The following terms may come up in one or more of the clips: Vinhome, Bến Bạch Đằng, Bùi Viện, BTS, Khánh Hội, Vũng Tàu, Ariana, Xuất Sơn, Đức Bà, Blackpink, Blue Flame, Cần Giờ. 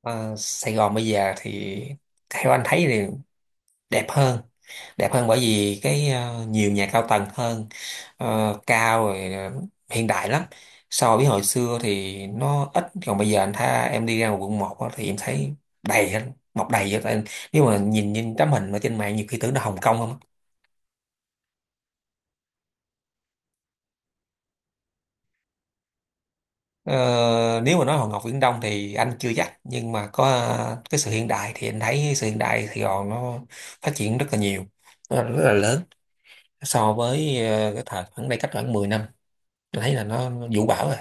Ờ, Sài Gòn bây giờ thì theo anh thấy thì đẹp hơn, đẹp hơn bởi vì nhiều nhà cao tầng hơn, cao rồi, hiện đại lắm so với hồi xưa thì nó ít. Còn bây giờ anh thấy em đi ra ngoài quận 1 thì em thấy đầy hết, mọc đầy hết. Tại nếu mà nhìn nhìn tấm hình ở trên mạng nhiều khi tưởng là Hồng Kông không á. Ờ, nếu mà nói Hòn Ngọc Viễn Đông thì anh chưa chắc, nhưng mà có cái sự hiện đại thì anh thấy sự hiện đại Sài Gòn nó phát triển rất là nhiều, rất là lớn so với cái thời khoảng đây, cách khoảng 10 năm, tôi thấy là nó vũ bão rồi.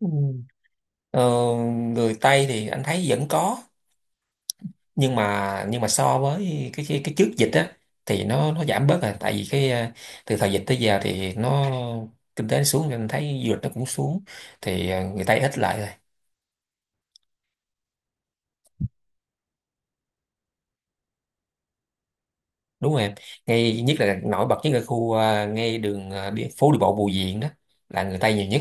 Ừ. Ờ, người Tây thì anh thấy vẫn có, nhưng mà so với cái trước dịch á thì nó giảm bớt rồi, tại vì từ thời dịch tới giờ thì nó kinh tế nó xuống, nên thấy du lịch nó cũng xuống, thì người Tây ít lại rồi. Đúng rồi em, ngay nhất là nổi bật nhất là khu ngay đường phố đi bộ Bùi Viện đó là người Tây nhiều nhất.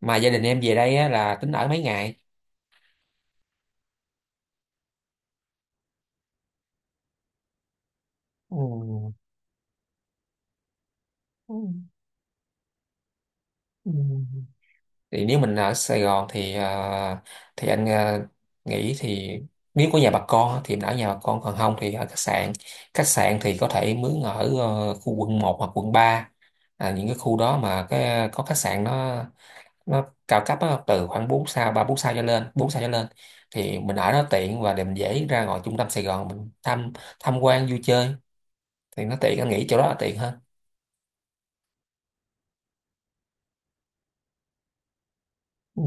Mà gia đình em về đây á, là tính ở mấy ngày? Ừ. Ừ. Ừ. Thì nếu mình ở Sài Gòn thì thì anh nghĩ thì nếu có nhà bà con thì mình ở nhà bà con, còn không thì ở khách sạn. Khách sạn thì có thể mướn ở khu quận một hoặc quận ba, à, những cái khu đó mà cái có khách sạn nó cao cấp á, từ khoảng 4 sao, 3 4 sao cho lên 4 sao cho lên, thì mình ở đó tiện và để mình dễ ra ngoài trung tâm Sài Gòn mình tham tham quan vui chơi, thì nó tiện. Anh nghĩ chỗ đó là tiện hơn. Ừ.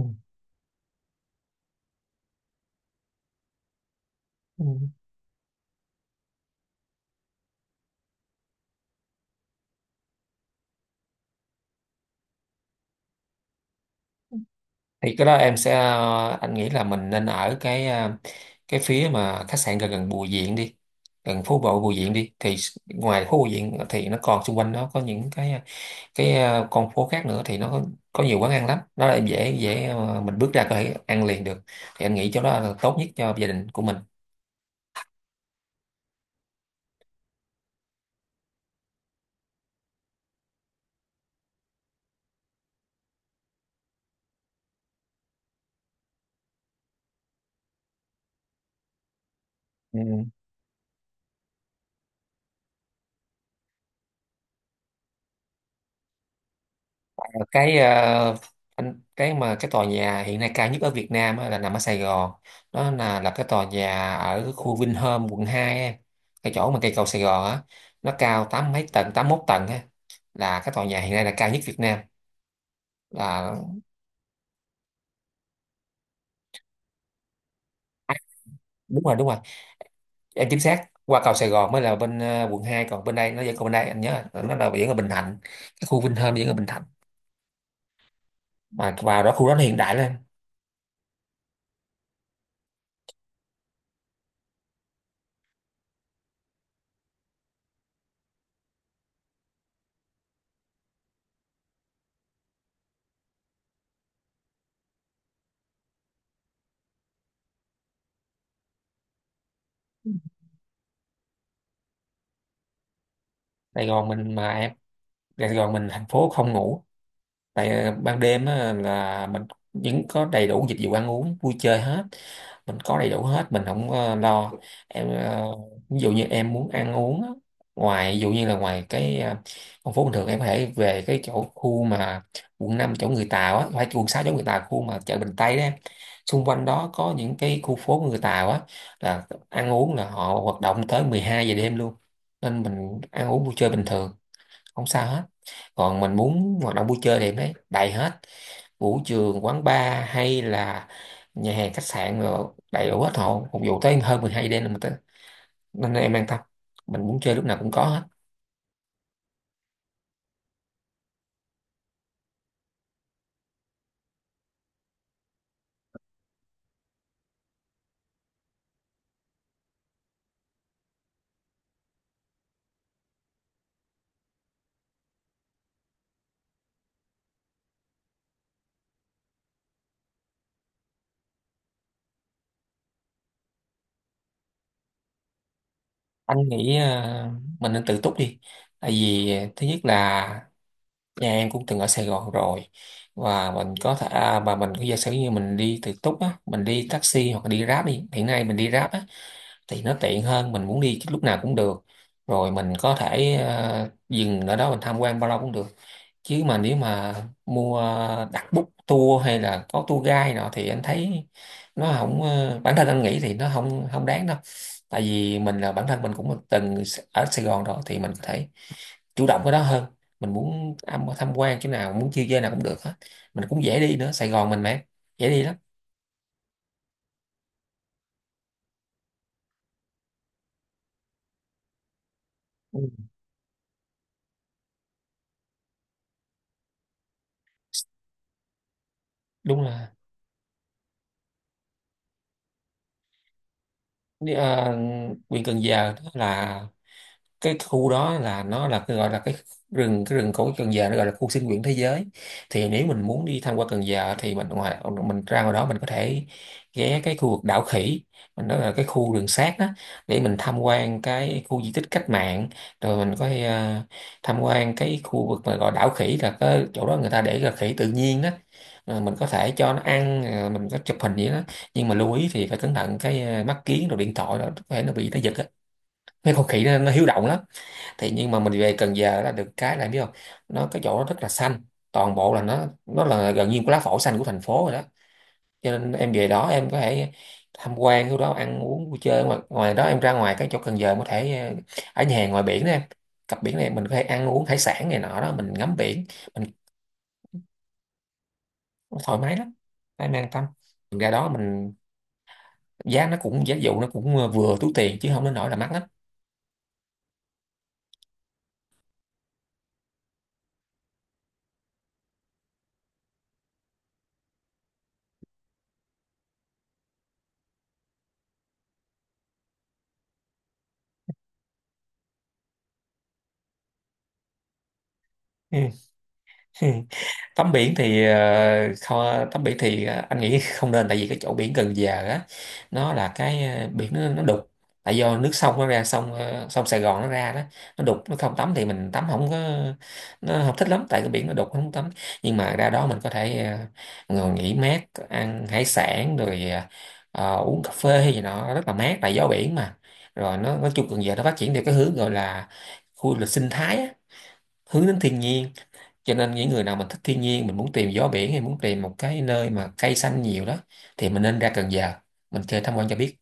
Ừ. Thì cái đó em sẽ anh nghĩ là mình nên ở cái phía mà khách sạn gần gần Bùi Viện đi, gần phố bộ Bùi Viện đi, thì ngoài phố Bùi Viện thì nó còn xung quanh nó có những con phố khác nữa, thì nó có nhiều quán ăn lắm, nó là dễ dễ ờ, mình bước ra có thể ăn liền được. Thì anh nghĩ chỗ đó là tốt nhất cho gia đình của mình. Ừ. Ờ, cái mà cái tòa nhà hiện nay cao nhất ở Việt Nam á là nằm ở Sài Gòn. Đó là cái tòa nhà ở khu Vinhome quận 2 em, cái chỗ mà cây cầu Sài Gòn á, nó cao tám mấy tầng, 81 tầng á, là cái tòa nhà hiện nay là cao nhất Việt Nam. Là đúng rồi em, chính xác, qua cầu Sài Gòn mới là bên quận hai, còn bên đây nó vẫn còn bên đây, anh nhớ là nó là vẫn ở Bình Thạnh. Cái khu Vinhome vẫn ở Bình Thạnh, mà vào đó khu đó nó hiện đại lên. Sài Gòn mình mà em, Sài Gòn mình thành phố không ngủ, tại ban đêm á, là mình vẫn có đầy đủ dịch vụ ăn uống vui chơi hết, mình có đầy đủ hết, mình không lo. em ờ, Ví dụ như em muốn ăn uống á, ngoài ví dụ như là ngoài con phố bình thường, em có thể về cái chỗ khu mà quận 5 chỗ người Tàu á, phải quận 6 chỗ người Tàu, khu mà chợ Bình Tây đó em, xung quanh đó có những cái khu phố người Tàu á, là ăn uống là họ hoạt động tới 12 giờ đêm luôn. Nên mình ăn uống vui chơi bình thường, không sao hết. Còn mình muốn hoạt động vui chơi thì em thấy đầy hết, vũ trường, quán bar, hay là nhà hàng, khách sạn, rồi đầy đủ hết, hộ phục vụ tới hơn 12 đêm là mình tới. Nên em an tâm, mình muốn chơi lúc nào cũng có hết. Anh nghĩ mình nên tự túc đi, tại vì thứ nhất là nhà em cũng từng ở Sài Gòn rồi, và mình có thể à, và mình có giả sử như mình đi tự túc á, mình đi taxi hoặc là đi Grab đi, hiện nay mình đi Grab á, thì nó tiện hơn, mình muốn đi lúc nào cũng được, rồi mình có thể dừng ở đó mình tham quan bao lâu cũng được. Chứ mà nếu mà mua đặt book tour hay là có tour guide nọ thì anh thấy nó không bản thân anh nghĩ thì nó không không đáng đâu, tại vì mình là bản thân mình cũng từng ở Sài Gòn rồi, thì mình có thể chủ động cái đó hơn, mình muốn tham tham quan chỗ nào, muốn chơi chơi nào cũng được hết. Mình cũng dễ đi nữa, Sài Gòn mình mà, dễ đi lắm. Ừ. Đúng là, Đi, à, quyền cần giờ đó là cái khu đó là nó là cái gọi là cái rừng cổ Cần Giờ, nó gọi là khu sinh quyển thế giới. Thì nếu mình muốn đi tham quan Cần Giờ thì mình ra ngoài đó mình có thể ghé cái khu vực đảo khỉ, mình nói là cái khu rừng sát đó, để mình tham quan cái khu di tích cách mạng, rồi mình có thể, tham quan cái khu vực mà gọi đảo khỉ, là cái chỗ đó người ta để là khỉ tự nhiên đó. Rồi mình có thể cho nó ăn, rồi mình có chụp hình gì đó, nhưng mà lưu ý thì phải cẩn thận mắt kiến rồi điện thoại đó, có thể nó bị nó giật á, mấy con khỉ nó hiếu động lắm. Thì nhưng mà mình về Cần Giờ là được cái là biết không, nó cái chỗ nó rất là xanh, toàn bộ là nó là gần như một lá phổi xanh của thành phố rồi đó. Cho nên em về đó em có thể tham quan chỗ đó, ăn uống vui chơi, ngoài đó em ra ngoài cái chỗ Cần Giờ em có thể ở nhà hàng ngoài biển đó em, cặp biển này mình có thể ăn uống hải sản này nọ đó, mình ngắm biển, mình thoải mái lắm, em an tâm. Mình ra đó mình giá nó cũng, giá dụ nó cũng vừa túi tiền, chứ không đến nỗi là mắc lắm. Tắm biển thì ờ, kho tắm biển thì anh nghĩ không nên, tại vì cái chỗ biển Cần Giờ á, nó là biển nó đục, tại do nước sông nó ra sông sông Sài Gòn nó ra đó, nó đục, nó không tắm, thì mình tắm không có, nó không thích lắm tại cái biển nó đục không tắm. Nhưng mà ra đó mình có thể ngồi nghỉ mát, ăn hải sản rồi uống cà phê hay gì nọ, rất là mát tại gió biển mà. Rồi nó nói chung Cần Giờ nó phát triển theo cái hướng gọi là khu du lịch sinh thái á, hướng đến thiên nhiên, cho nên những người nào mình thích thiên nhiên, mình muốn tìm gió biển, hay muốn tìm một cái nơi mà cây xanh nhiều đó, thì mình nên ra Cần Giờ mình chơi tham quan cho biết.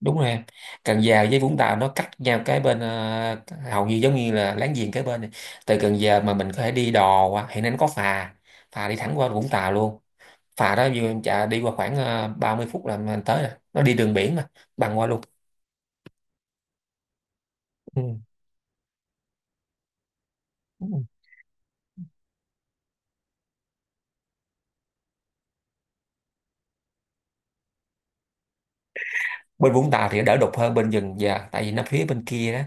Đúng rồi em, Cần Giờ với Vũng Tàu nó cách nhau cái bên hầu như giống như là láng giềng cái bên này. Từ Cần Giờ mà mình có thể đi đò qua, hiện nay nó có phà, phà đi thẳng qua Vũng Tàu luôn. Phà đó vừa em chạy đi qua khoảng 30 phút là mình tới rồi, nó đi đường biển mà, bằng qua luôn. Ừ. Bên Vũng Tàu thì nó đỡ đục hơn bên dừng giờ, tại vì nó phía bên kia đó,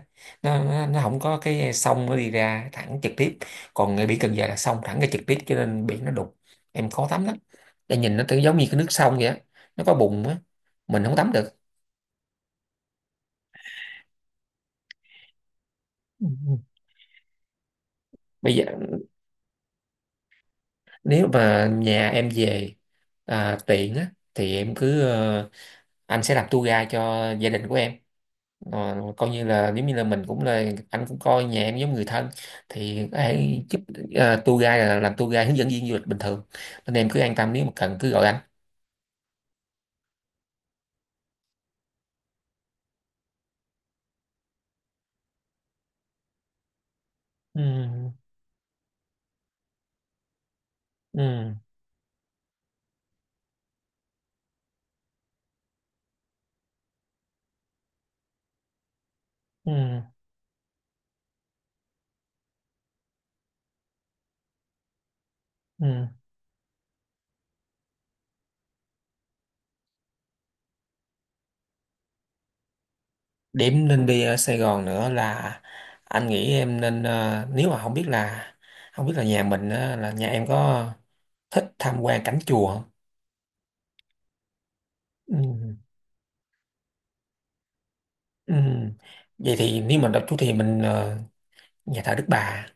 nó không có cái sông nó đi ra thẳng trực tiếp, còn ngay biển Cần Giờ là sông thẳng ra trực tiếp cho nên biển nó đục, em khó tắm lắm. Em nhìn nó tự giống như cái nước sông vậy á, nó có bùn á, mình không tắm được. Ừ. Bây giờ nếu mà nhà em về tiện á, thì em cứ anh sẽ làm tour guide cho gia đình của em. Ờ, coi như là nếu như là mình cũng là anh cũng coi nhà em giống người thân, thì hãy giúp, tour guide là làm tour guide hướng dẫn viên du lịch bình thường. Nên em cứ an tâm, nếu mà cần cứ gọi anh. Ừ, ừ, ừ, ừ. Điểm nên đi ở Sài Gòn nữa là anh nghĩ em nên nếu mà không biết là, nhà mình á, là nhà em có thích tham quan cảnh chùa không? Ừ, ừ. Vậy thì nếu mình đọc chú thì mình nhà thờ Đức Bà,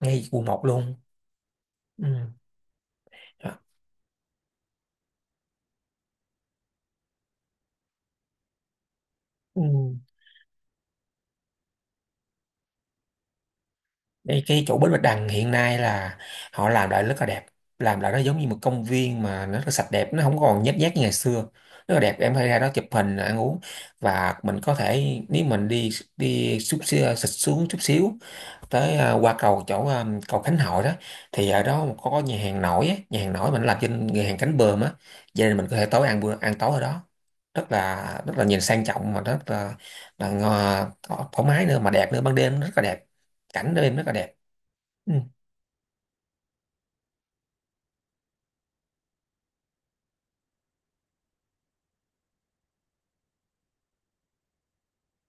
ngay quận một luôn. Ừ. Đó. Ừ. Đây, cái chỗ Bến Bạch Đằng hiện nay là họ làm lại rất là đẹp, làm lại nó giống như một công viên mà nó rất là sạch đẹp, nó không còn nhếch nhác như ngày xưa, rất là đẹp, em hay ra đó chụp hình ăn uống. Và mình có thể nếu mình đi đi xúc xích xuống chút xíu, tới qua cầu chỗ cầu Khánh Hội đó, thì ở đó có, nhà hàng nổi á, nhà hàng nổi mình làm trên nhà hàng cánh bờm á, gia nên mình có thể tối ăn bữa ăn tối ở đó, rất là nhìn sang trọng mà rất là thoải thoải mái nữa mà đẹp nữa, ban đêm rất là đẹp, cảnh đêm rất là đẹp. Ừ,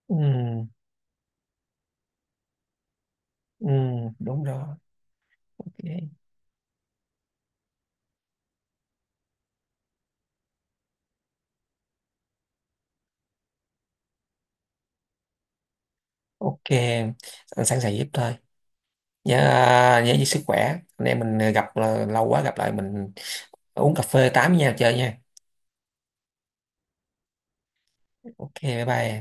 ừ, ừ, đúng rồi. Ok. Ok, anh sẵn sàng giúp thôi. Nhớ nhớ giữ sức khỏe. Anh em mình gặp là lâu quá, gặp lại mình uống cà phê tám với nhau chơi nha. Ok, bye bye.